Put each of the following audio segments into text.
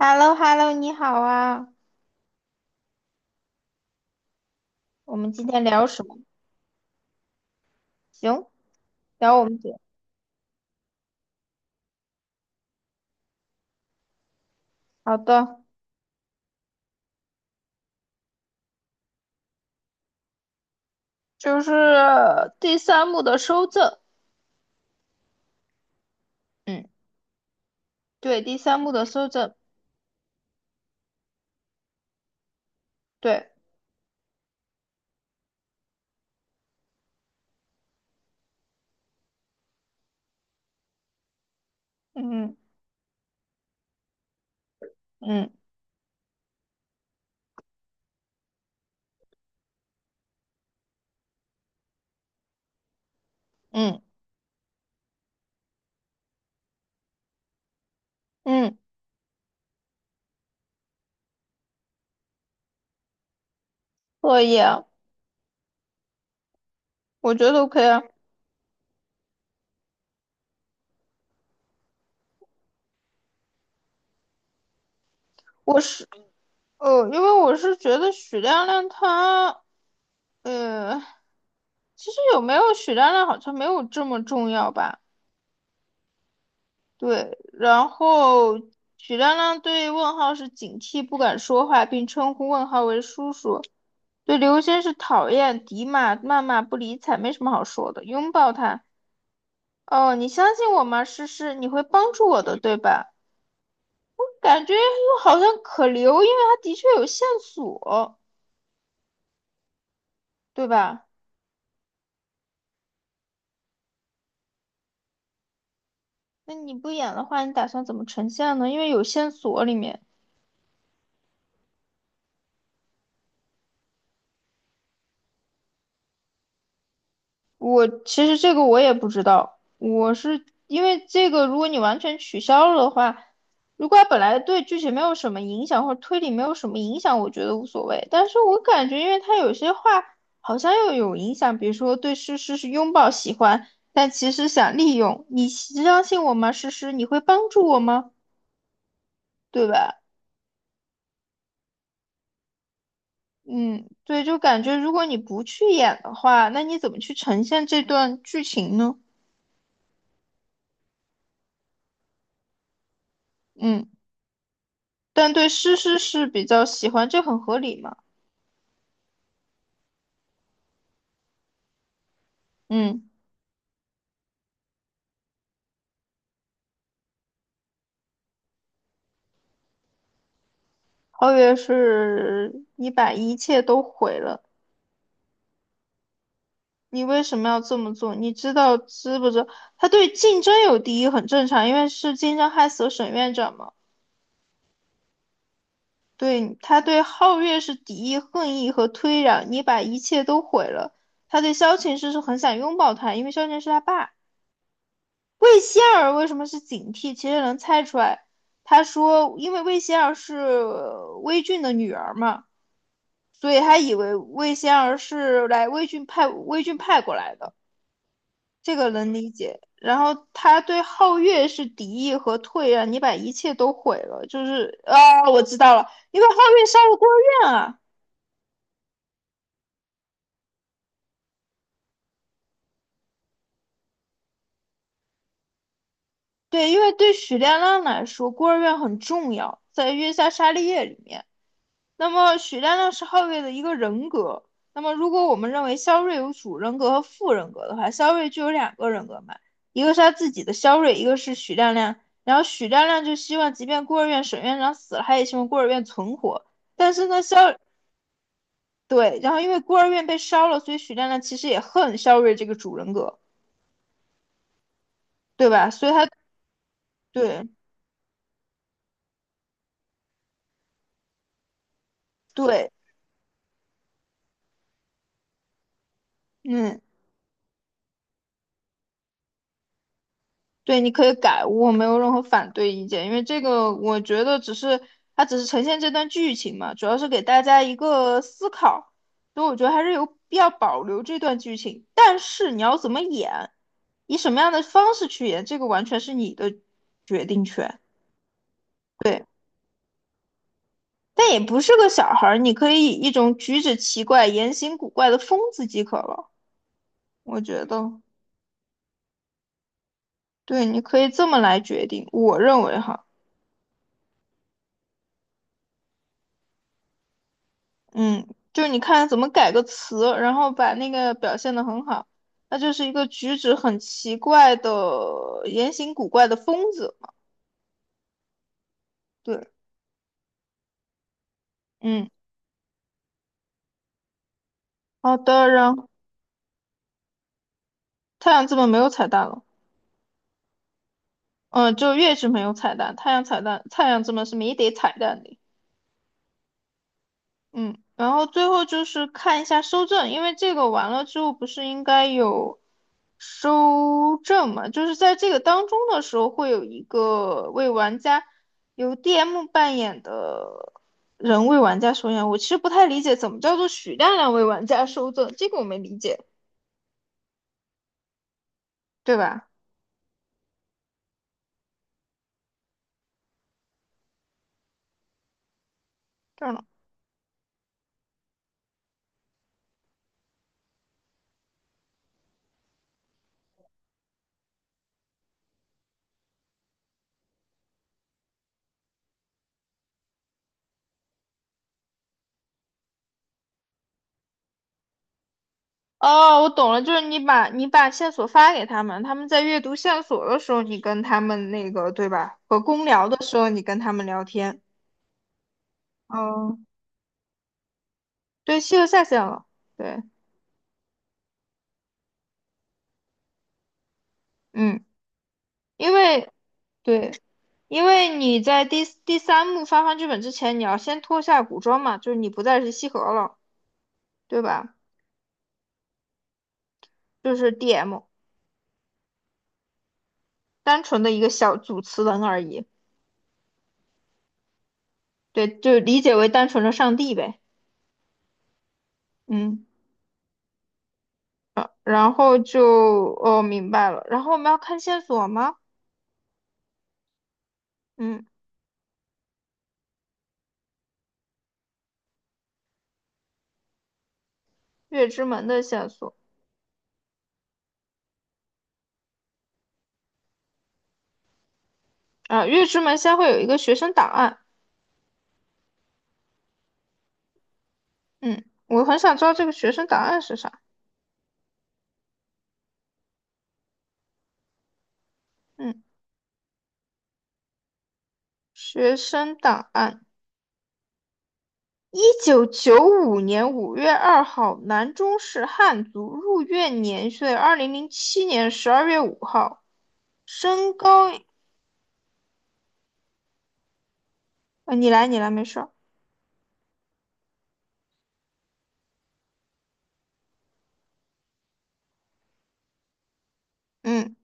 h e l l o h e l l o 你好啊。我们今天聊什么？行，聊我们姐。好的，就是第三幕的收证，嗯，对，第三幕的收证，对，嗯嗯嗯嗯，可以啊，我觉得 OK 啊。我是，因为我是觉得许亮亮他，呃，其实有没有许亮亮好像没有这么重要吧。对，然后许亮亮对问号是警惕，不敢说话，并称呼问号为叔叔。对刘星是讨厌、敌骂、谩骂、不理睬，没什么好说的。拥抱他，哦，你相信我吗？诗诗，你会帮助我的，对吧？感觉又好像可留，因为他的确有线索，对吧？那你不演的话，你打算怎么呈现呢？因为有线索里面，我其实这个我也不知道，我是因为这个，如果你完全取消了的话，如果它本来对剧情没有什么影响，或者推理没有什么影响，我觉得无所谓。但是我感觉，因为他有些话好像又有影响，比如说对诗诗是拥抱喜欢，但其实想利用你，相信我吗？诗诗，你会帮助我吗？对吧？嗯，对，就感觉如果你不去演的话，那你怎么去呈现这段剧情呢？嗯。但对诗诗是比较喜欢，这很合理嘛。嗯，皓月是你把一切都毁了，你为什么要这么做？你知道知不知道？他对竞争有敌意很正常，因为是竞争害死了沈院长嘛。对，他对皓月是敌意、恨意和推攘。你把一切都毁了，他对萧晴师是很想拥抱他，因为萧晴是他爸。魏仙儿为什么是警惕？其实能猜出来。他说，因为魏仙儿是魏俊的女儿嘛。所以他以为魏仙儿是来魏郡派过来的，这个能理解。然后他对皓月是敌意和退让，你把一切都毁了，就是啊，我知道了，因为皓月杀了孤儿院啊，对，因为对许亮亮来说，孤儿院很重要，在月下杀利叶里面，那么许亮亮是后卫的一个人格。那么如果我们认为肖瑞有主人格和副人格的话，肖瑞就有两个人格嘛，一个是他自己的肖瑞，一个是许亮亮。然后许亮亮就希望，即便孤儿院沈院长死了，他也希望孤儿院存活。但是呢，对，然后因为孤儿院被烧了，所以许亮亮其实也恨肖瑞这个主人格，对吧？所以他对对，嗯。对，你可以改，我没有任何反对意见，因为这个我觉得只是它只是呈现这段剧情嘛，主要是给大家一个思考，所以我觉得还是有必要保留这段剧情。但是你要怎么演，以什么样的方式去演，这个完全是你的决定权。对，但也不是个小孩儿，你可以以一种举止奇怪、言行古怪的疯子即可了，我觉得。对，你可以这么来决定，我认为哈。嗯，就是你看怎么改个词，然后把那个表现得很好。那就是一个举止很奇怪的、言行古怪的疯子嘛对，嗯，好的。然后太阳之门没有彩蛋了，嗯，就月之门有彩蛋，太阳彩蛋，太阳之门是没得彩蛋的。嗯，然后最后就是看一下收证，因为这个完了之后不是应该有收证嘛？就是在这个当中的时候，会有一个为玩家由 DM 扮演的人为玩家收证。我其实不太理解怎么叫做许亮亮为玩家收证，这个我没理解，对吧？这儿呢？哦，我懂了，就是你把线索发给他们，他们在阅读线索的时候，你跟他们那个，对吧？和公聊的时候，你跟他们聊天。哦，对，西游下线了。对，嗯，因为对，因为你在第三幕发放剧本之前，你要先脱下古装嘛，就是你不再是西河了，对吧？就是 DM，单纯的一个小主持人而已。对，就理解为单纯的上帝呗。嗯，然后就哦明白了。然后我们要看线索吗？嗯，月之门的线索啊，月之门先会有一个学生档案。嗯，我很想知道这个学生档案是啥。嗯。学生档案。1995年5月2号，南中市汉族，入院年岁2007年12月5号，身高……你来，你来，没事儿。嗯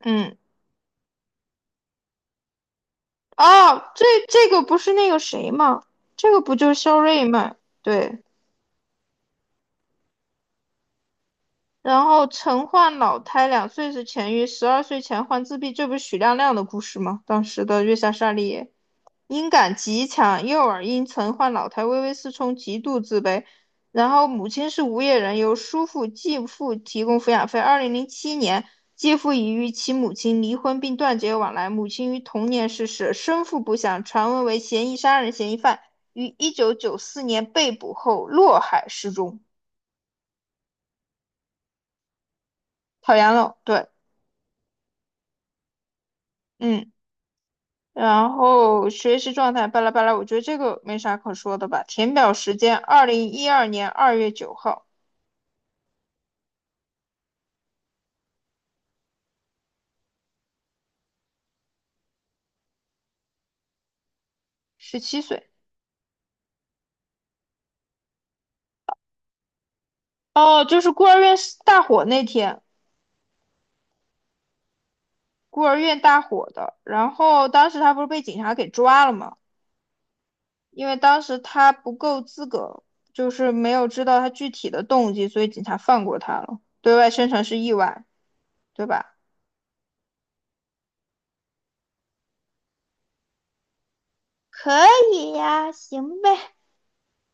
嗯，哦，这个不是那个谁吗？这个不就是肖瑞吗？对。然后曾患脑瘫，两岁时痊愈，十二岁前患自闭，这不是许亮亮的故事吗？当时的月下沙利叶音感极强，右耳因曾患老态微微失聪，极度自卑。然后母亲是无业人，由叔父、继父提供抚养费。二零零七年，继父已与其母亲离婚并断绝往来。母亲于同年逝世，生父不详，传闻为嫌疑杀人嫌疑犯，于1994年被捕后落海失踪。讨厌了，对，嗯。然后学习状态巴拉巴拉，我觉得这个没啥可说的吧。填表时间2012年2月9号，17岁。哦，就是孤儿院是大火那天，孤儿院大火的。然后当时他不是被警察给抓了吗？因为当时他不够资格，就是没有知道他具体的动机，所以警察放过他了。对外宣传是意外，对吧？可以呀，行呗，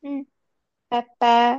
嗯，拜拜。